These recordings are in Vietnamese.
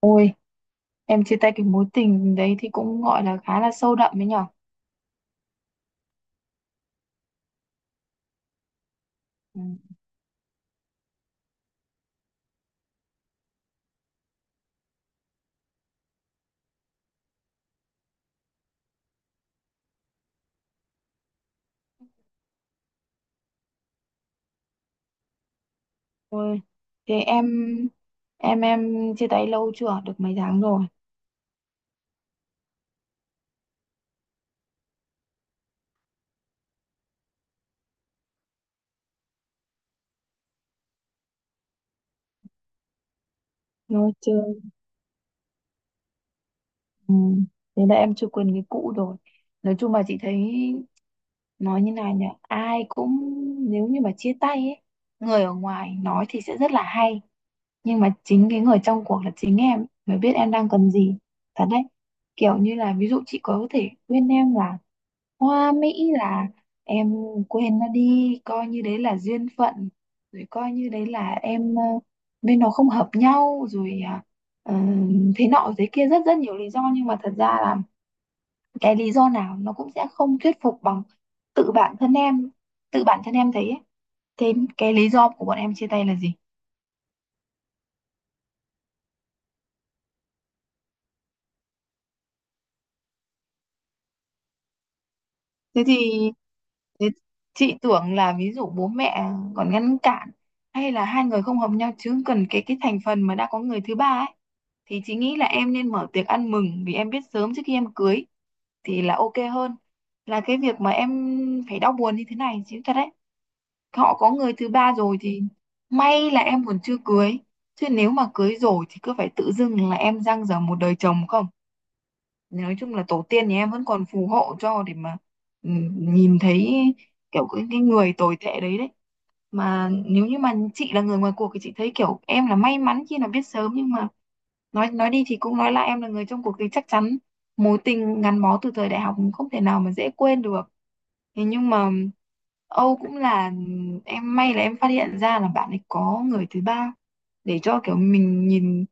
Ôi, em chia tay cái mối tình đấy thì cũng gọi là khá là sâu đậm đấy nhở. Ừ. Ôi, thế em chia tay lâu chưa? Được mấy tháng rồi. Nó chưa. Ừ. Thế là em chưa quên cái cũ rồi. Nói chung là chị thấy nói như này nhỉ, ai cũng nếu như mà chia tay ấy, người ở ngoài nói thì sẽ rất là hay, nhưng mà chính cái người trong cuộc là chính em ấy mới biết em đang cần gì. Thật đấy. Kiểu như là ví dụ chị có thể khuyên em là Hoa Mỹ là em quên nó đi, coi như đấy là duyên phận, rồi coi như đấy là em, bên nó không hợp nhau rồi à, ờ, thế nọ thế kia, rất rất nhiều lý do, nhưng mà thật ra là cái lý do nào nó cũng sẽ không thuyết phục bằng tự bản thân em tự bản thân em thấy ấy. Thế cái lý do của bọn em chia tay là gì? Thế thì thế chị tưởng là ví dụ bố mẹ còn ngăn cản, hay là hai người không hợp nhau, chứ cần cái thành phần mà đã có người thứ ba ấy, thì chị nghĩ là em nên mở tiệc ăn mừng, vì em biết sớm trước khi em cưới thì là ok hơn là cái việc mà em phải đau buồn như thế này, chứ thật đấy. Họ có người thứ ba rồi thì may là em còn chưa cưới, chứ nếu mà cưới rồi thì cứ phải tự dưng là em dang dở một đời chồng không. Nói chung là tổ tiên nhà em vẫn còn phù hộ cho để mà, ừ, nhìn thấy kiểu cái người tồi tệ đấy đấy. Mà nếu như mà chị là người ngoài cuộc thì chị thấy kiểu em là may mắn khi là biết sớm, nhưng mà nói đi thì cũng nói là em là người trong cuộc thì chắc chắn mối tình gắn bó từ thời đại học không thể nào mà dễ quên được. Thế nhưng mà âu cũng là em may là em phát hiện ra là bạn ấy có người thứ ba, để cho kiểu mình nhìn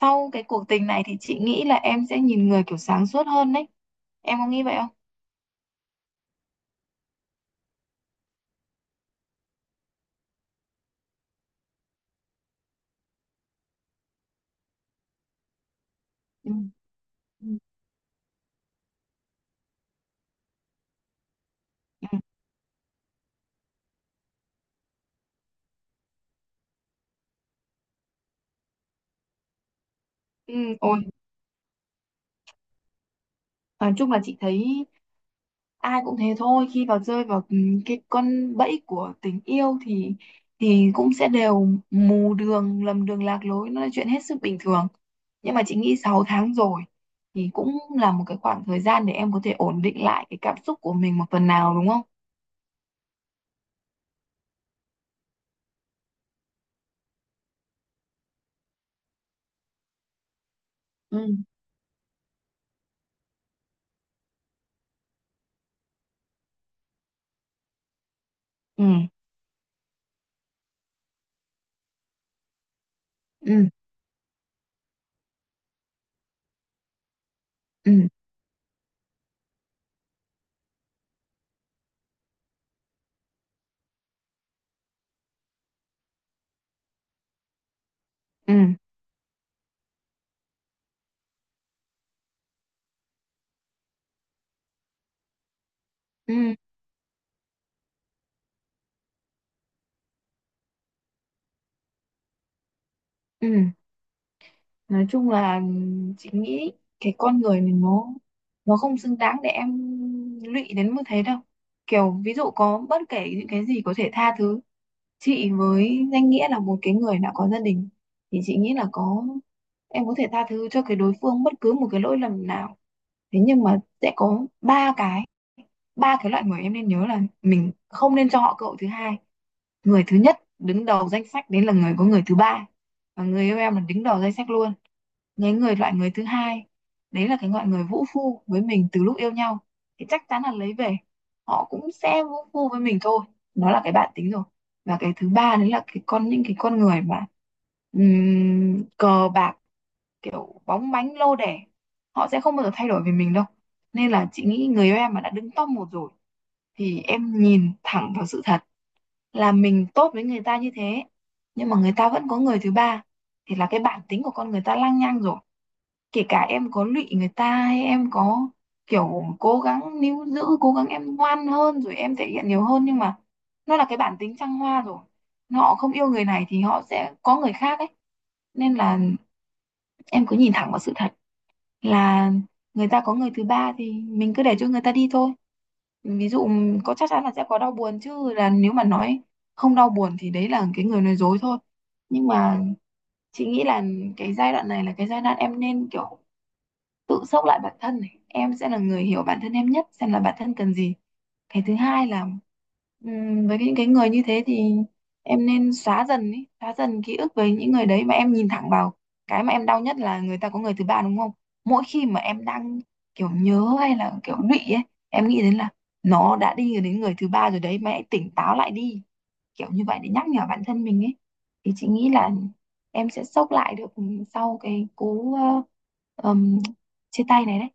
sau cái cuộc tình này, thì chị nghĩ là em sẽ nhìn người kiểu sáng suốt hơn đấy. Em có nghĩ vậy không? Ừ. Ừ. Ừ. Ừ. Ôi, nói chung là chị thấy ai cũng thế thôi, khi rơi vào, cái con bẫy của tình yêu thì cũng sẽ đều mù đường lầm đường lạc lối, nó là chuyện hết sức bình thường. Nhưng mà chị nghĩ 6 tháng rồi thì cũng là một cái khoảng thời gian để em có thể ổn định lại cái cảm xúc của mình một phần nào, đúng không? Ừ. Ừ. Ừ. Ừ. Ừ. Ừ. Ừ. Nói chung là chị nghĩ cái con người mình nó không xứng đáng để em lụy đến mức thế đâu. Kiểu ví dụ có bất kể những cái gì có thể tha thứ, chị với danh nghĩa là một cái người đã có gia đình thì chị nghĩ là em có thể tha thứ cho cái đối phương bất cứ một cái lỗi lầm nào. Thế nhưng mà sẽ có ba cái loại người em nên nhớ là mình không nên cho họ cơ hội thứ hai. Người thứ nhất đứng đầu danh sách đấy là người có người thứ ba, và người yêu em là đứng đầu danh sách luôn. Những người Loại người thứ hai, đấy là cái loại người vũ phu với mình từ lúc yêu nhau, thì chắc chắn là lấy về họ cũng sẽ vũ phu với mình thôi. Đó là cái bản tính rồi. Và cái thứ ba đấy là cái con những cái con người mà, cờ bạc, kiểu bóng bánh lô đề, họ sẽ không bao giờ thay đổi về mình đâu. Nên là chị nghĩ người yêu em mà đã đứng top 1 rồi, thì em nhìn thẳng vào sự thật là mình tốt với người ta như thế, nhưng mà người ta vẫn có người thứ ba, thì là cái bản tính của con người ta lăng nhăng rồi. Kể cả em có lụy người ta hay em có kiểu cố gắng níu giữ, cố gắng em ngoan hơn rồi em thể hiện nhiều hơn, nhưng mà nó là cái bản tính trăng hoa rồi. Họ không yêu người này thì họ sẽ có người khác ấy. Nên là em cứ nhìn thẳng vào sự thật là người ta có người thứ ba, thì mình cứ để cho người ta đi thôi. Ví dụ có, chắc chắn là sẽ có đau buồn chứ, là nếu mà nói không đau buồn thì đấy là cái người nói dối thôi. Nhưng mà chị nghĩ là cái giai đoạn này là cái giai đoạn em nên kiểu tự sốc lại bản thân này, em sẽ là người hiểu bản thân em nhất, xem là bản thân cần gì. Cái thứ hai là, với những cái người như thế thì em nên xóa dần ký ức với những người đấy, mà em nhìn thẳng vào cái mà em đau nhất là người ta có người thứ ba, đúng không? Mỗi khi mà em đang kiểu nhớ hay là kiểu lụy ấy, em nghĩ đến là nó đã đi đến người thứ ba rồi đấy, mày hãy tỉnh táo lại đi, kiểu như vậy để nhắc nhở bản thân mình ấy, thì chị nghĩ là em sẽ xốc lại được sau cái cú, ừm, chia tay này đấy.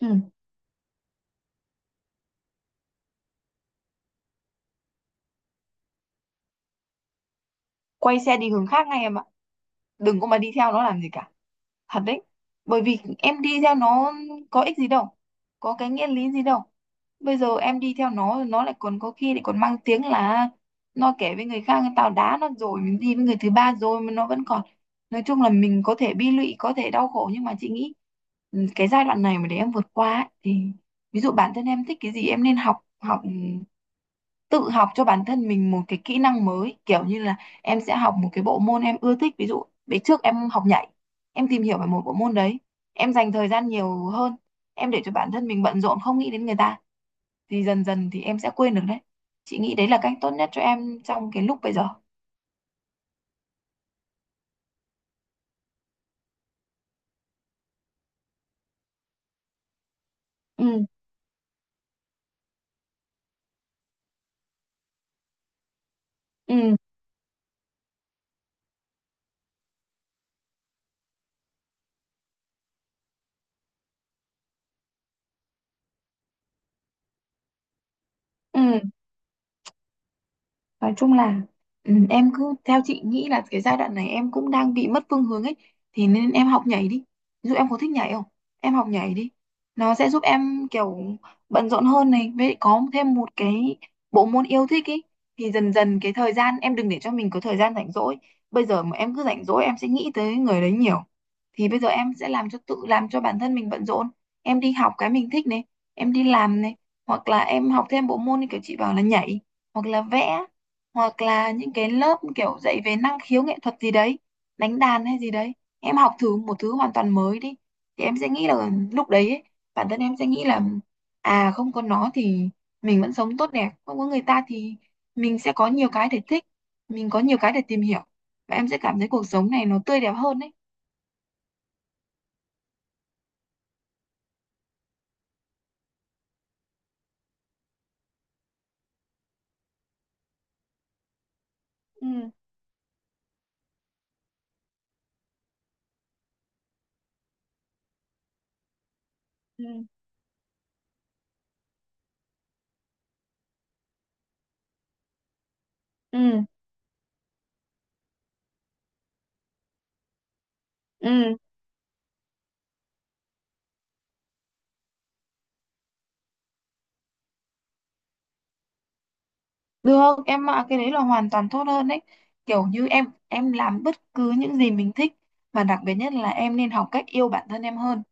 Ừ. Quay xe đi hướng khác ngay em ạ. Đừng có mà đi theo nó làm gì cả. Thật đấy. Bởi vì em đi theo nó có ích gì đâu, có cái nghĩa lý gì đâu. Bây giờ em đi theo nó lại còn có khi lại còn mang tiếng là nó kể với người khác tao đá nó rồi mình đi với người thứ ba rồi mà nó vẫn còn. Nói chung là mình có thể bi lụy, có thể đau khổ, nhưng mà chị nghĩ, cái giai đoạn này mà để em vượt qua ấy, thì ví dụ bản thân em thích cái gì, em nên học học, tự học cho bản thân mình một cái kỹ năng mới, kiểu như là em sẽ học một cái bộ môn em ưa thích. Ví dụ bữa trước em học nhảy, em tìm hiểu về một bộ môn đấy, em dành thời gian nhiều hơn, em để cho bản thân mình bận rộn không nghĩ đến người ta, thì dần dần thì em sẽ quên được đấy. Chị nghĩ đấy là cách tốt nhất cho em trong cái lúc bây giờ. Ừ. Ừ. Ừ. Nói chung là, ừ, em cứ theo chị nghĩ là cái giai đoạn này em cũng đang bị mất phương hướng ấy, thì nên em học nhảy đi. Ví dụ em có thích nhảy không? Em học nhảy đi. Nó sẽ giúp em kiểu bận rộn hơn này, với lại có thêm một cái bộ môn yêu thích ấy, thì dần dần cái thời gian em đừng để cho mình có thời gian rảnh rỗi. Bây giờ mà em cứ rảnh rỗi em sẽ nghĩ tới người đấy nhiều. Thì bây giờ em sẽ làm cho tự làm cho bản thân mình bận rộn. Em đi học cái mình thích này, em đi làm này, hoặc là em học thêm bộ môn như kiểu chị bảo là nhảy, hoặc là vẽ, hoặc là những cái lớp kiểu dạy về năng khiếu nghệ thuật gì đấy, đánh đàn hay gì đấy. Em học thử một thứ hoàn toàn mới đi, thì em sẽ nghĩ là lúc đấy ấy, bản thân em sẽ nghĩ là à không có nó thì mình vẫn sống tốt đẹp, không có người ta thì mình sẽ có nhiều cái để thích, mình có nhiều cái để tìm hiểu, và em sẽ cảm thấy cuộc sống này nó tươi đẹp hơn đấy. Ừ. Ừ. Ừ. Ừ. Được, em ạ, cái đấy là hoàn toàn tốt hơn đấy. Kiểu như em làm bất cứ những gì mình thích, và đặc biệt nhất là em nên học cách yêu bản thân em hơn.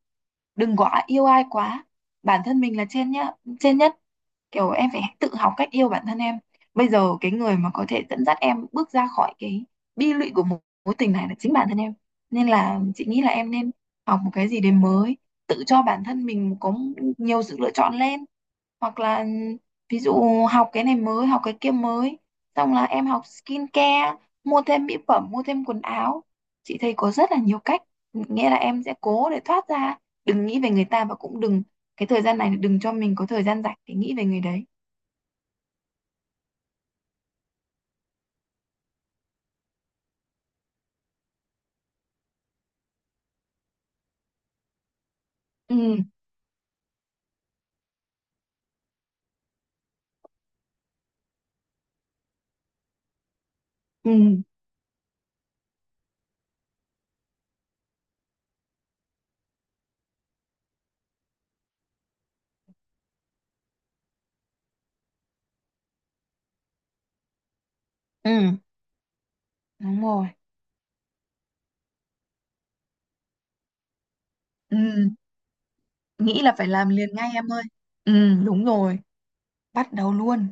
Đừng quá yêu ai quá. Bản thân mình là trên nhá, trên nhất. Kiểu em phải tự học cách yêu bản thân em. Bây giờ cái người mà có thể dẫn dắt em bước ra khỏi cái bi lụy của một mối tình này là chính bản thân em. Nên là chị nghĩ là em nên học một cái gì đấy mới, tự cho bản thân mình có nhiều sự lựa chọn lên, hoặc là ví dụ học cái này mới, học cái kia mới, xong là em học skincare, mua thêm mỹ phẩm, mua thêm quần áo. Chị thấy có rất là nhiều cách, nghĩa là em sẽ cố để thoát ra, đừng nghĩ về người ta, và cũng đừng, cái thời gian này đừng cho mình có thời gian rảnh để nghĩ về người đấy. Ừ. Ừ. Ừ. Đúng rồi. Ừ. Nghĩ là phải làm liền ngay em ơi. Ừ, đúng rồi. Bắt đầu luôn.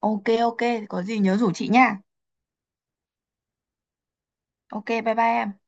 Ok, ok, có gì nhớ rủ chị nha. Ok, bye bye em.